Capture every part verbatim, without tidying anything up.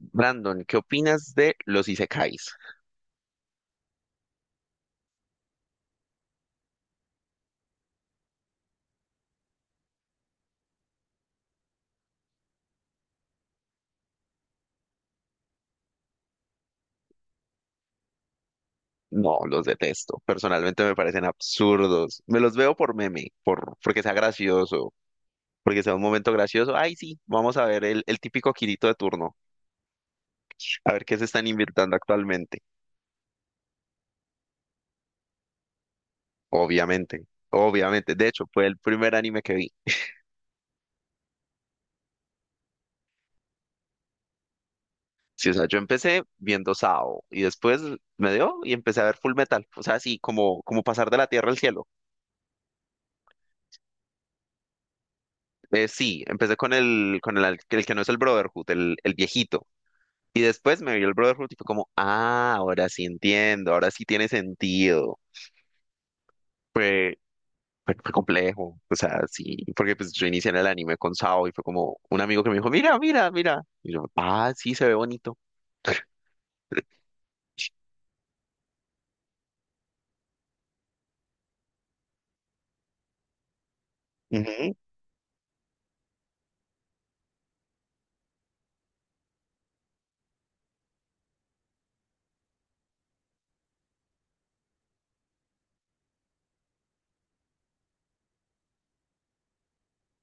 Brandon, ¿qué opinas de los isekais? No, los detesto. Personalmente me parecen absurdos. Me los veo por meme, por, porque sea gracioso, porque sea un momento gracioso. Ay, sí, vamos a ver el, el típico Kirito de turno, a ver qué se están inventando actualmente. Obviamente, obviamente. De hecho, fue el primer anime que vi. Sí, o sea, yo empecé viendo Sao y después me dio y empecé a ver Full Metal. O sea, sí, como, como pasar de la tierra al cielo. Eh, sí, empecé con el, con el, el que no es el Brotherhood, el, el viejito. Y después me vio el Brotherhood y fue como, ah, ahora sí entiendo, ahora sí tiene sentido. Fue, fue, fue complejo, o sea, sí, porque pues yo inicié en el anime con Sao y fue como un amigo que me dijo, mira, mira, mira. Y yo, ah, sí, se ve bonito. Ujú.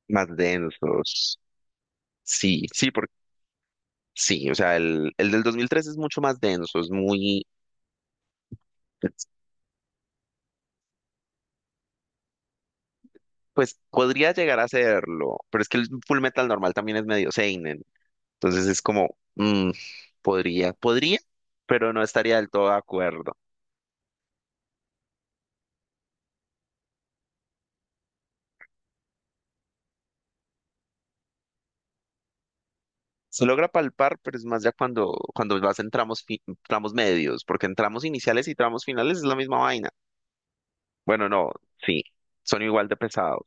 Más densos. Sí, sí, porque sí, o sea, el, el del dos mil tres es mucho más denso, es muy, pues podría llegar a serlo, pero es que el Full Metal normal también es medio seinen. Entonces es como, mm, podría, podría, pero no estaría del todo de acuerdo. Se logra palpar, pero es más ya cuando, cuando vas en tramos, fi- tramos medios, porque en tramos iniciales y tramos finales es la misma vaina. Bueno, no, sí, son igual de pesados.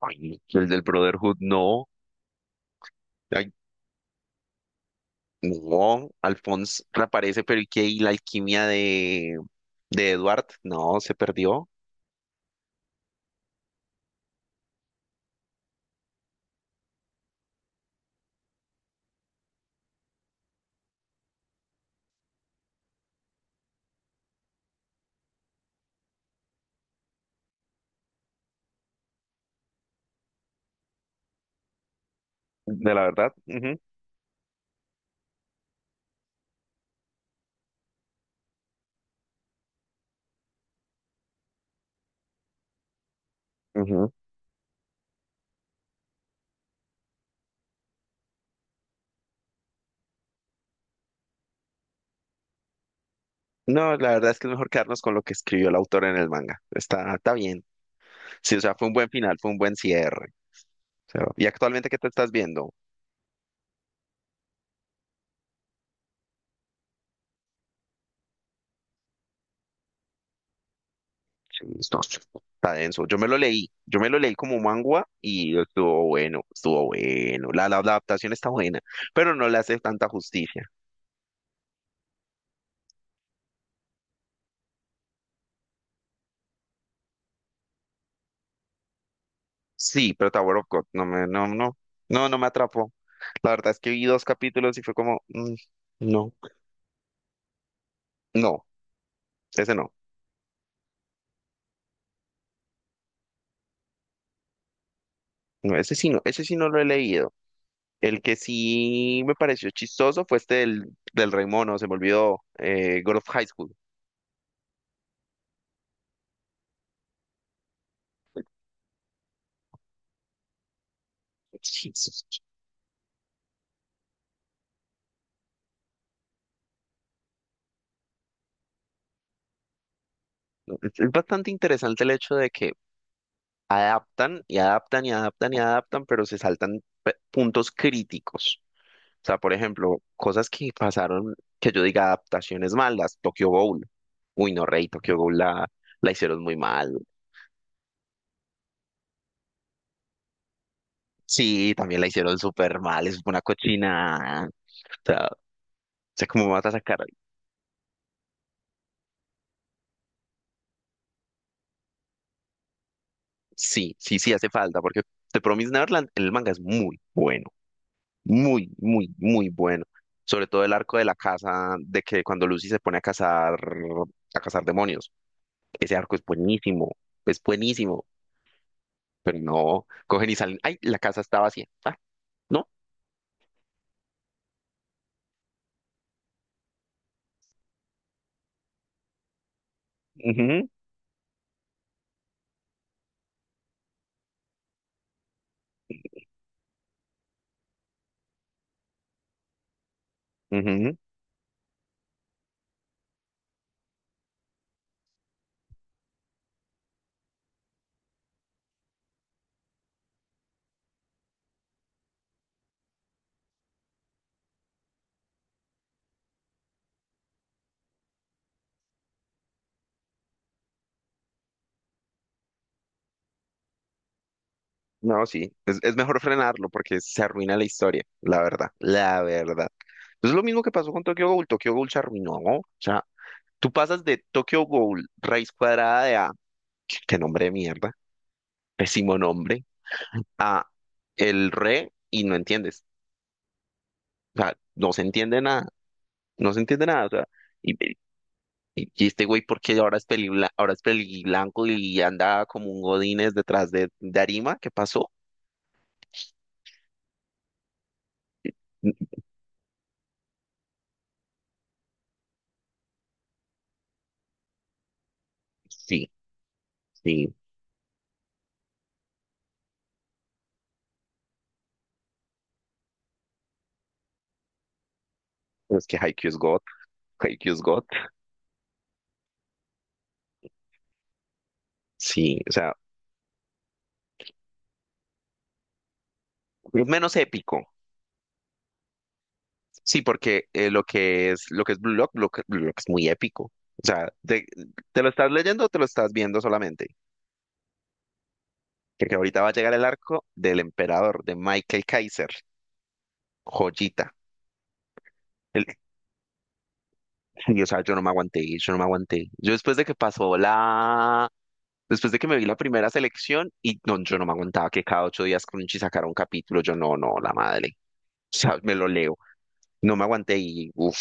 Ay, el del Brotherhood, no. Ay, no, Alphonse reaparece, pero ¿y qué? ¿Y la alquimia de, de Edward? No, se perdió, de la verdad. Ujú, ujú. No, la verdad es que es mejor quedarnos con lo que escribió el autor en el manga. Está, está bien. Sí, o sea, fue un buen final, fue un buen cierre. O sea, ¿y actualmente qué te estás viendo? Sí, no, está denso. Yo me lo leí, yo me lo leí como mangua y estuvo bueno, estuvo bueno. La, la, la adaptación está buena, pero no le hace tanta justicia. Sí, pero Tower of God no me, no, no, no, no me atrapó. La verdad es que vi dos capítulos y fue como, mm, no, no, ese no, no, ese sí no, ese sí no lo he leído. El que sí me pareció chistoso fue este del, del Rey Mono, se me olvidó, eh, God of High School. Es es bastante interesante el hecho de que adaptan y adaptan y adaptan y adaptan, pero se saltan pe- puntos críticos. O sea, por ejemplo, cosas que pasaron, que yo diga adaptaciones malas, Tokyo Ghoul. Uy, no, Rey, Tokyo Ghoul la, la hicieron muy mal. Sí, también la hicieron súper mal, es una cochina. O sea, sé cómo vas a sacar. Sí, sí, sí, hace falta, porque The Promised Neverland en el manga es muy bueno. Muy, muy, muy bueno. Sobre todo el arco de la casa, de que cuando Lucy se pone a cazar, a cazar demonios. Ese arco es buenísimo, es buenísimo. Pero no, cogen y salen. ¡Ay! La casa está vacía. Ah, no. Ujú, ujú. No, sí. Es, es mejor frenarlo porque se arruina la historia, la verdad, la verdad. Es lo mismo que pasó con Tokyo Ghoul. Tokyo Ghoul se arruinó. O sea, tú pasas de Tokyo Ghoul, raíz cuadrada de A. Qué qué nombre de mierda. Pésimo nombre. A el re y no entiendes. O sea, no se entiende nada, no se entiende nada. O sea, y, y- y este güey, porque ahora es peli, ahora es peli blanco y anda como un Godínez detrás de, de Arima? ¿Qué pasó? Mm. Sí, sí. Es que Haikyuu es God, Haikyuu es God. Sí, o sea, es menos épico. Sí, porque eh, lo que es lo que es Blue Lock, Blue Lock, Blue Lock es muy épico. O sea, te, te lo estás leyendo o te lo estás viendo solamente. Porque ahorita va a llegar el arco del emperador, de Michael Kaiser. Joyita. El- y, o sea, yo no me aguanté, yo no me aguanté. Yo después de que pasó la. Después de que me vi la primera selección y no, yo no me aguantaba que cada ocho días Crunchy sacara un capítulo. Yo no, no, la madre. O sea, me lo leo. No me aguanté y uff,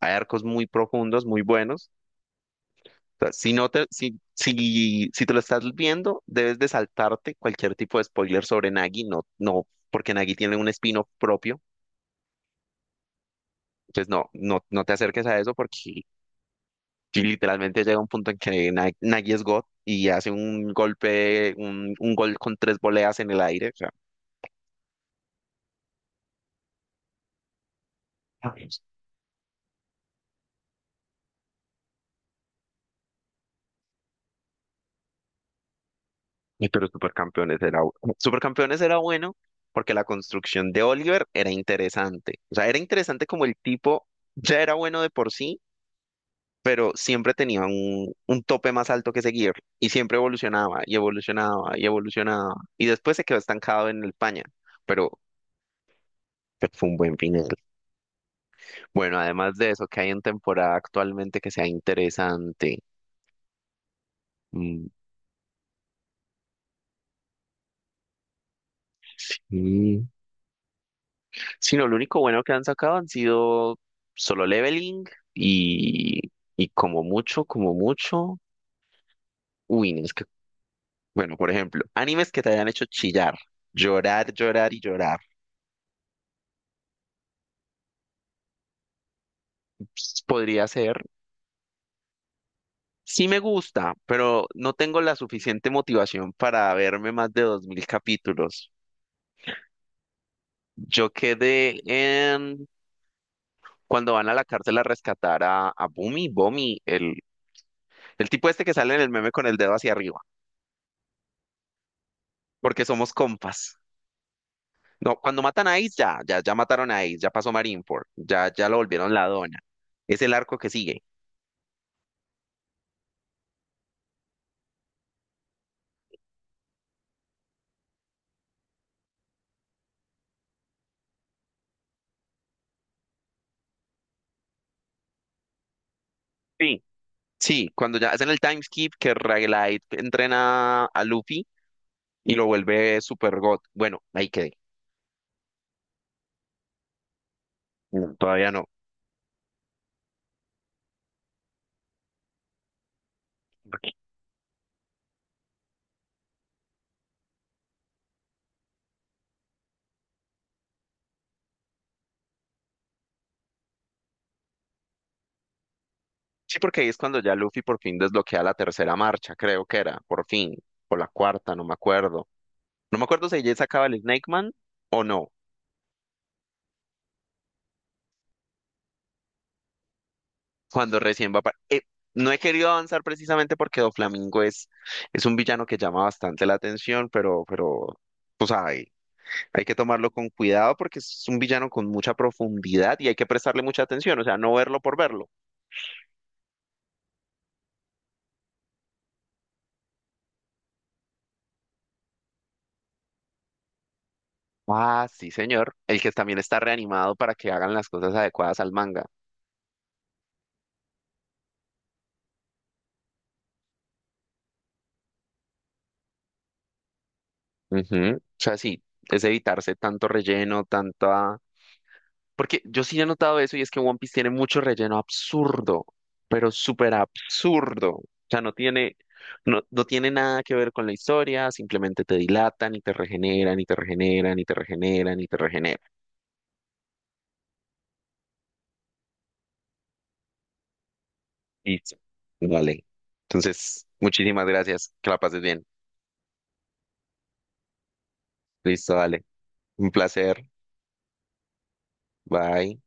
hay arcos muy profundos, muy buenos. O sea, si no te, si, si, si te lo estás viendo, debes de saltarte cualquier tipo de spoiler sobre Nagi. No, no, porque Nagi tiene un espino propio. Entonces, no, no, no te acerques a eso porque sí, literalmente llega un punto en que Na- Nagy es God y hace un golpe, un, un gol con tres voleas en el aire. O sea. Ay, pero Supercampeones era, bu- Supercampeones era bueno porque la construcción de Oliver era interesante. O sea, era interesante como el tipo ya era bueno de por sí, pero siempre tenía un, un tope más alto que seguir y siempre evolucionaba y evolucionaba y evolucionaba. Y después se quedó estancado en España, pero, pero fue un buen final. Bueno, además de eso, ¿que hay en temporada actualmente que sea interesante? Mm, mm. Sí, no, lo único bueno que han sacado han sido solo leveling y, y como mucho, como mucho. Uy, no, es que, bueno, por ejemplo, animes que te hayan hecho chillar, llorar, llorar y llorar. Ps, podría ser. Sí me gusta, pero no tengo la suficiente motivación para verme más de dos mil capítulos. Yo quedé en cuando van a la cárcel a rescatar a, a Bumi, Bomi, el, el tipo este que sale en el meme con el dedo hacia arriba, porque somos compas. No, cuando matan a Ace, ya, ya, ya mataron a Ace, ya pasó Marineford, ya, ya lo volvieron la dona. Es el arco que sigue. Sí. Sí, cuando ya hacen el time skip que Ragelight entrena a Luffy y lo vuelve Super God. Bueno, ahí quedé. No, todavía no. Sí, porque ahí es cuando ya Luffy por fin desbloquea la tercera marcha, creo que era, por fin, o la cuarta, no me acuerdo. No me acuerdo si ella sacaba el Snake Man o no, cuando recién va para. No he querido avanzar precisamente porque Doflamingo es, es un villano que llama bastante la atención, pero, pero, pues hay, hay que tomarlo con cuidado porque es un villano con mucha profundidad y hay que prestarle mucha atención, o sea, no verlo por verlo. Ah, sí, señor. El que también está reanimado para que hagan las cosas adecuadas al manga. Ujú. O sea, sí, es evitarse tanto relleno, tanta. Porque yo sí he notado eso y es que One Piece tiene mucho relleno absurdo, pero súper absurdo. O sea, no tiene, no, no tiene nada que ver con la historia, simplemente te dilatan y te regeneran y te regeneran y te regeneran y te regeneran. Listo. Vale. Entonces, muchísimas gracias. Que la pases bien. Listo, dale. Un placer. Bye.